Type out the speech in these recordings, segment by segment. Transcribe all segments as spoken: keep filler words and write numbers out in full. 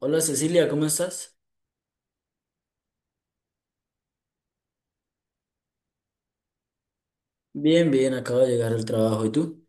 Hola Cecilia, ¿cómo estás? Bien, bien, acabo de llegar al trabajo. ¿Y tú?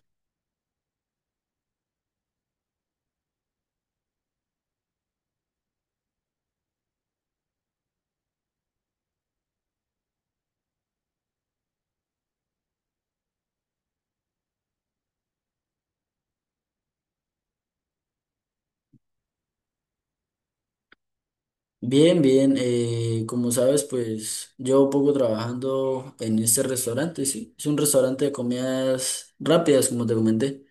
Bien, bien. Eh, como sabes, pues llevo poco trabajando en este restaurante, sí. Es un restaurante de comidas rápidas, como te comenté.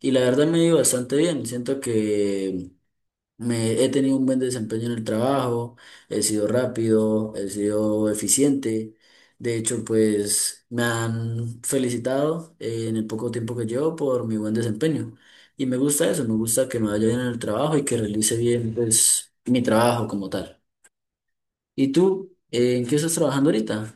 Y la verdad me ha ido bastante bien. Siento que Me, he tenido un buen desempeño en el trabajo, he sido rápido, he sido eficiente. De hecho, pues me han felicitado eh, en el poco tiempo que llevo por mi buen desempeño. Y me gusta eso, me gusta que me vaya bien en el trabajo y que realice bien pues, mi trabajo como tal. ¿Y tú, eh, en qué estás trabajando ahorita?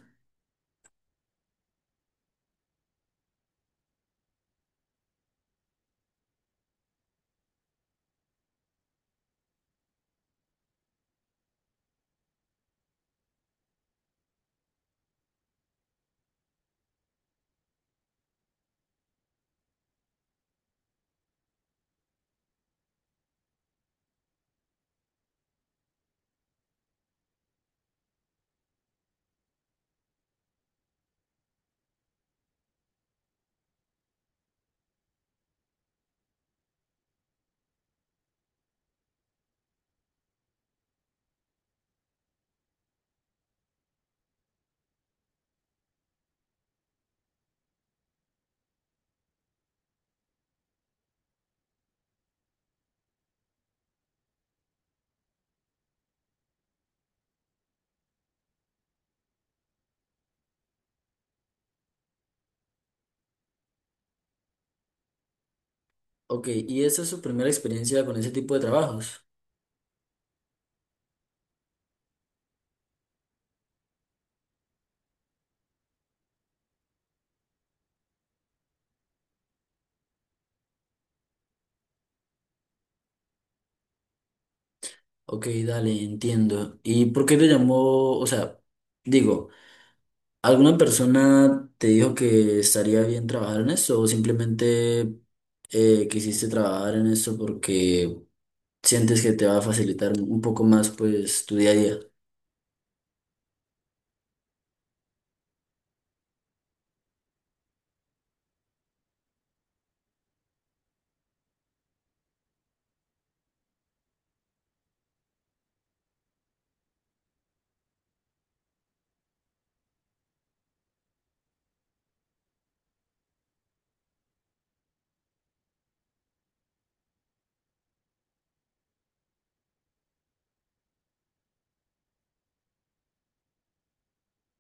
Ok, ¿y esa es su primera experiencia con ese tipo de trabajos? Ok, dale, entiendo. ¿Y por qué te llamó, o sea, digo... ¿Alguna persona te dijo que estaría bien trabajar en eso o simplemente eh, quisiste trabajar en eso porque sientes que te va a facilitar un poco más pues tu día a día?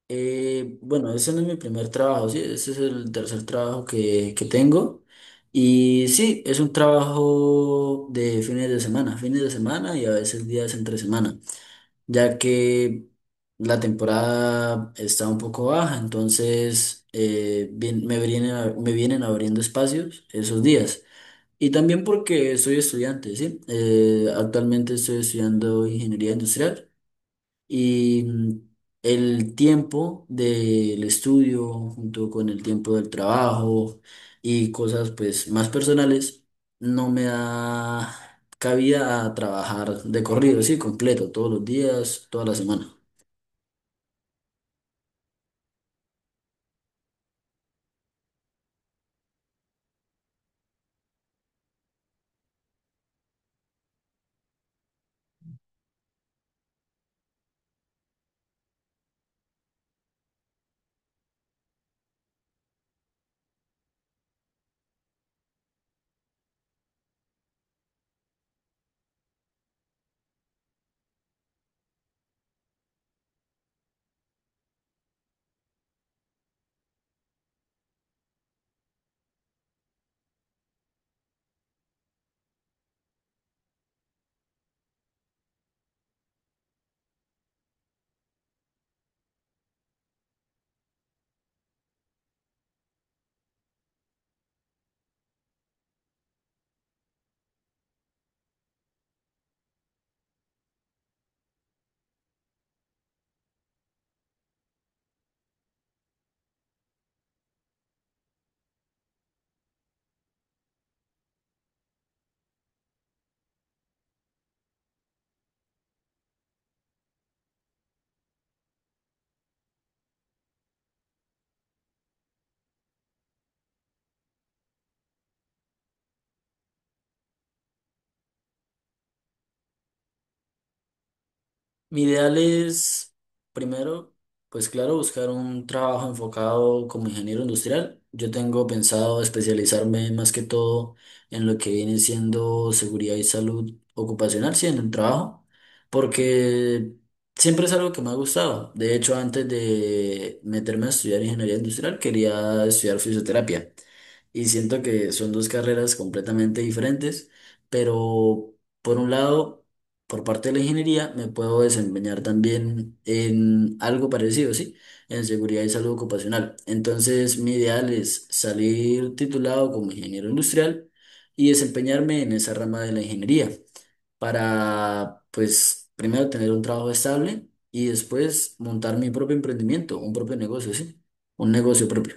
Eh, bueno, ese no es mi primer trabajo, sí, ese es el tercer trabajo que, que tengo. Y sí, es un trabajo de fines de semana, fines de semana y a veces días entre semana, ya que la temporada está un poco baja, entonces eh, bien- me vienen, a- me vienen abriendo espacios esos días. Y también porque soy estudiante, ¿sí? Eh, actualmente estoy estudiando ingeniería industrial. Y mm, el tiempo del estudio junto con el tiempo del trabajo y cosas pues más personales no me da cabida a trabajar de corrido, sí, completo, todos los días, toda la semana. Mi ideal es, primero, pues claro, buscar un trabajo enfocado como ingeniero industrial. Yo tengo pensado especializarme más que todo en lo que viene siendo seguridad y salud ocupacional, sí, en el trabajo, porque siempre es algo que me ha gustado. De hecho, antes de meterme a estudiar ingeniería industrial, quería estudiar fisioterapia y siento que son dos carreras completamente diferentes, pero por un lado por parte de la ingeniería me puedo desempeñar también en algo parecido, ¿sí? En seguridad y salud ocupacional. Entonces, mi ideal es salir titulado como ingeniero industrial y desempeñarme en esa rama de la ingeniería para, pues, primero tener un trabajo estable y después montar mi propio emprendimiento, un propio negocio, ¿sí? Un negocio propio.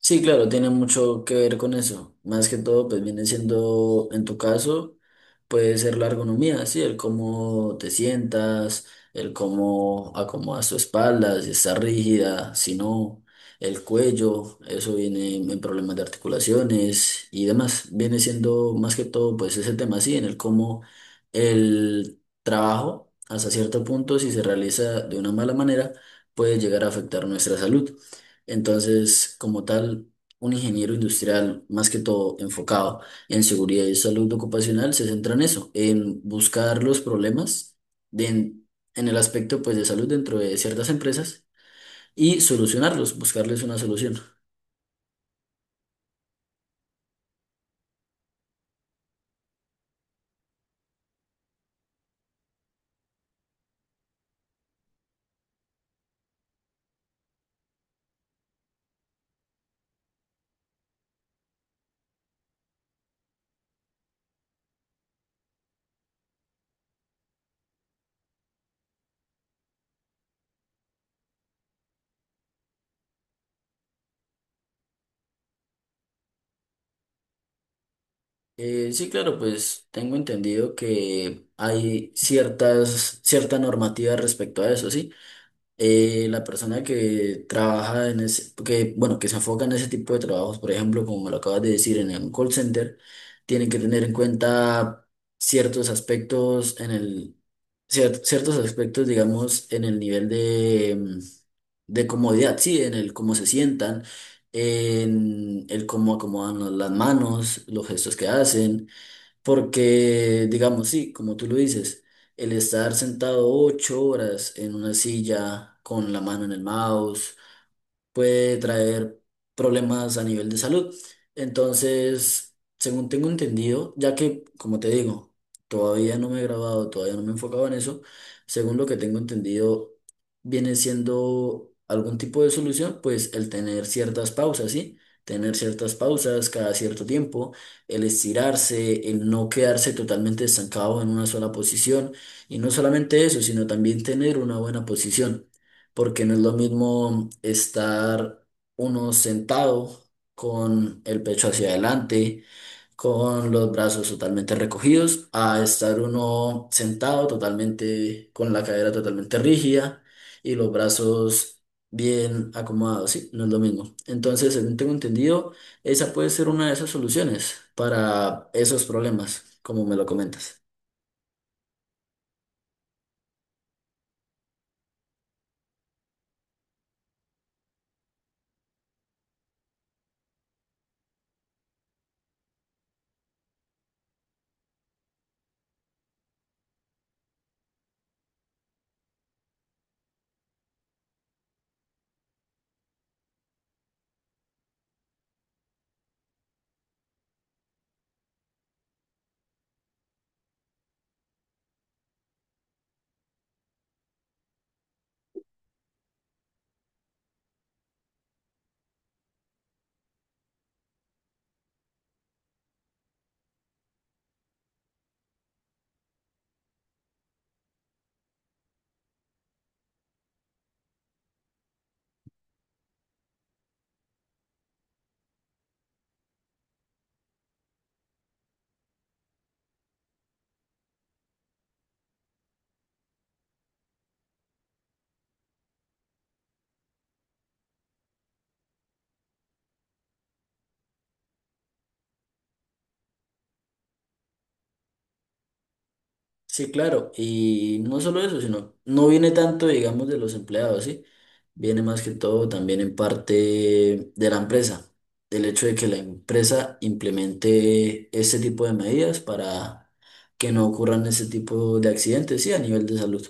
Sí, claro, tiene mucho que ver con eso. Más que todo, pues viene siendo, en tu caso, puede ser la ergonomía, sí, el cómo te sientas, el cómo acomodas tu espalda, si está rígida, si no, el cuello, eso viene en problemas de articulaciones y demás. Viene siendo más que todo, pues ese tema, sí, en el cómo el trabajo, hasta cierto punto, si se realiza de una mala manera, puede llegar a afectar nuestra salud. Entonces, como tal, un ingeniero industrial, más que todo enfocado en seguridad y salud ocupacional, se centra en eso, en buscar los problemas de- en, en el aspecto pues, de salud dentro de ciertas empresas y solucionarlos, buscarles una solución. Eh, sí, claro, pues tengo entendido que hay ciertas, cierta normativa respecto a eso, ¿sí? Eh, la persona que trabaja en ese, que, bueno, que se enfoca en ese tipo de trabajos, por ejemplo, como me lo acabas de decir, en un call center, tienen que tener en cuenta ciertos aspectos en el, cier- ciertos aspectos, digamos, en el nivel de, mm, de comodidad, sí, en el cómo se sientan, en el cómo acomodan las manos, los gestos que hacen porque, digamos, sí, como tú lo dices, el estar sentado ocho horas en una silla con la mano en el mouse, puede traer problemas a nivel de salud. Entonces, según tengo entendido, ya que, como te digo, todavía no me he grabado, todavía no me he enfocado en eso, según lo que tengo entendido, viene siendo algún tipo de solución, pues el tener ciertas pausas, ¿sí? Tener ciertas pausas cada cierto tiempo, el estirarse, el no quedarse totalmente estancado en una sola posición, y no solamente eso, sino también tener una buena posición porque no es lo mismo estar uno sentado con el pecho hacia adelante, con los brazos totalmente recogidos, a estar uno sentado totalmente con la cadera totalmente rígida y los brazos bien acomodados, sí, no es lo mismo. Entonces, según tengo entendido, esa puede ser una de esas soluciones para esos problemas, como me lo comentas. Sí, claro, y no solo eso, sino no viene tanto, digamos, de los empleados, ¿sí? Viene más que todo también en parte de la empresa, del hecho de que la empresa implemente este tipo de medidas para que no ocurran ese tipo de accidentes, sí, a nivel de salud.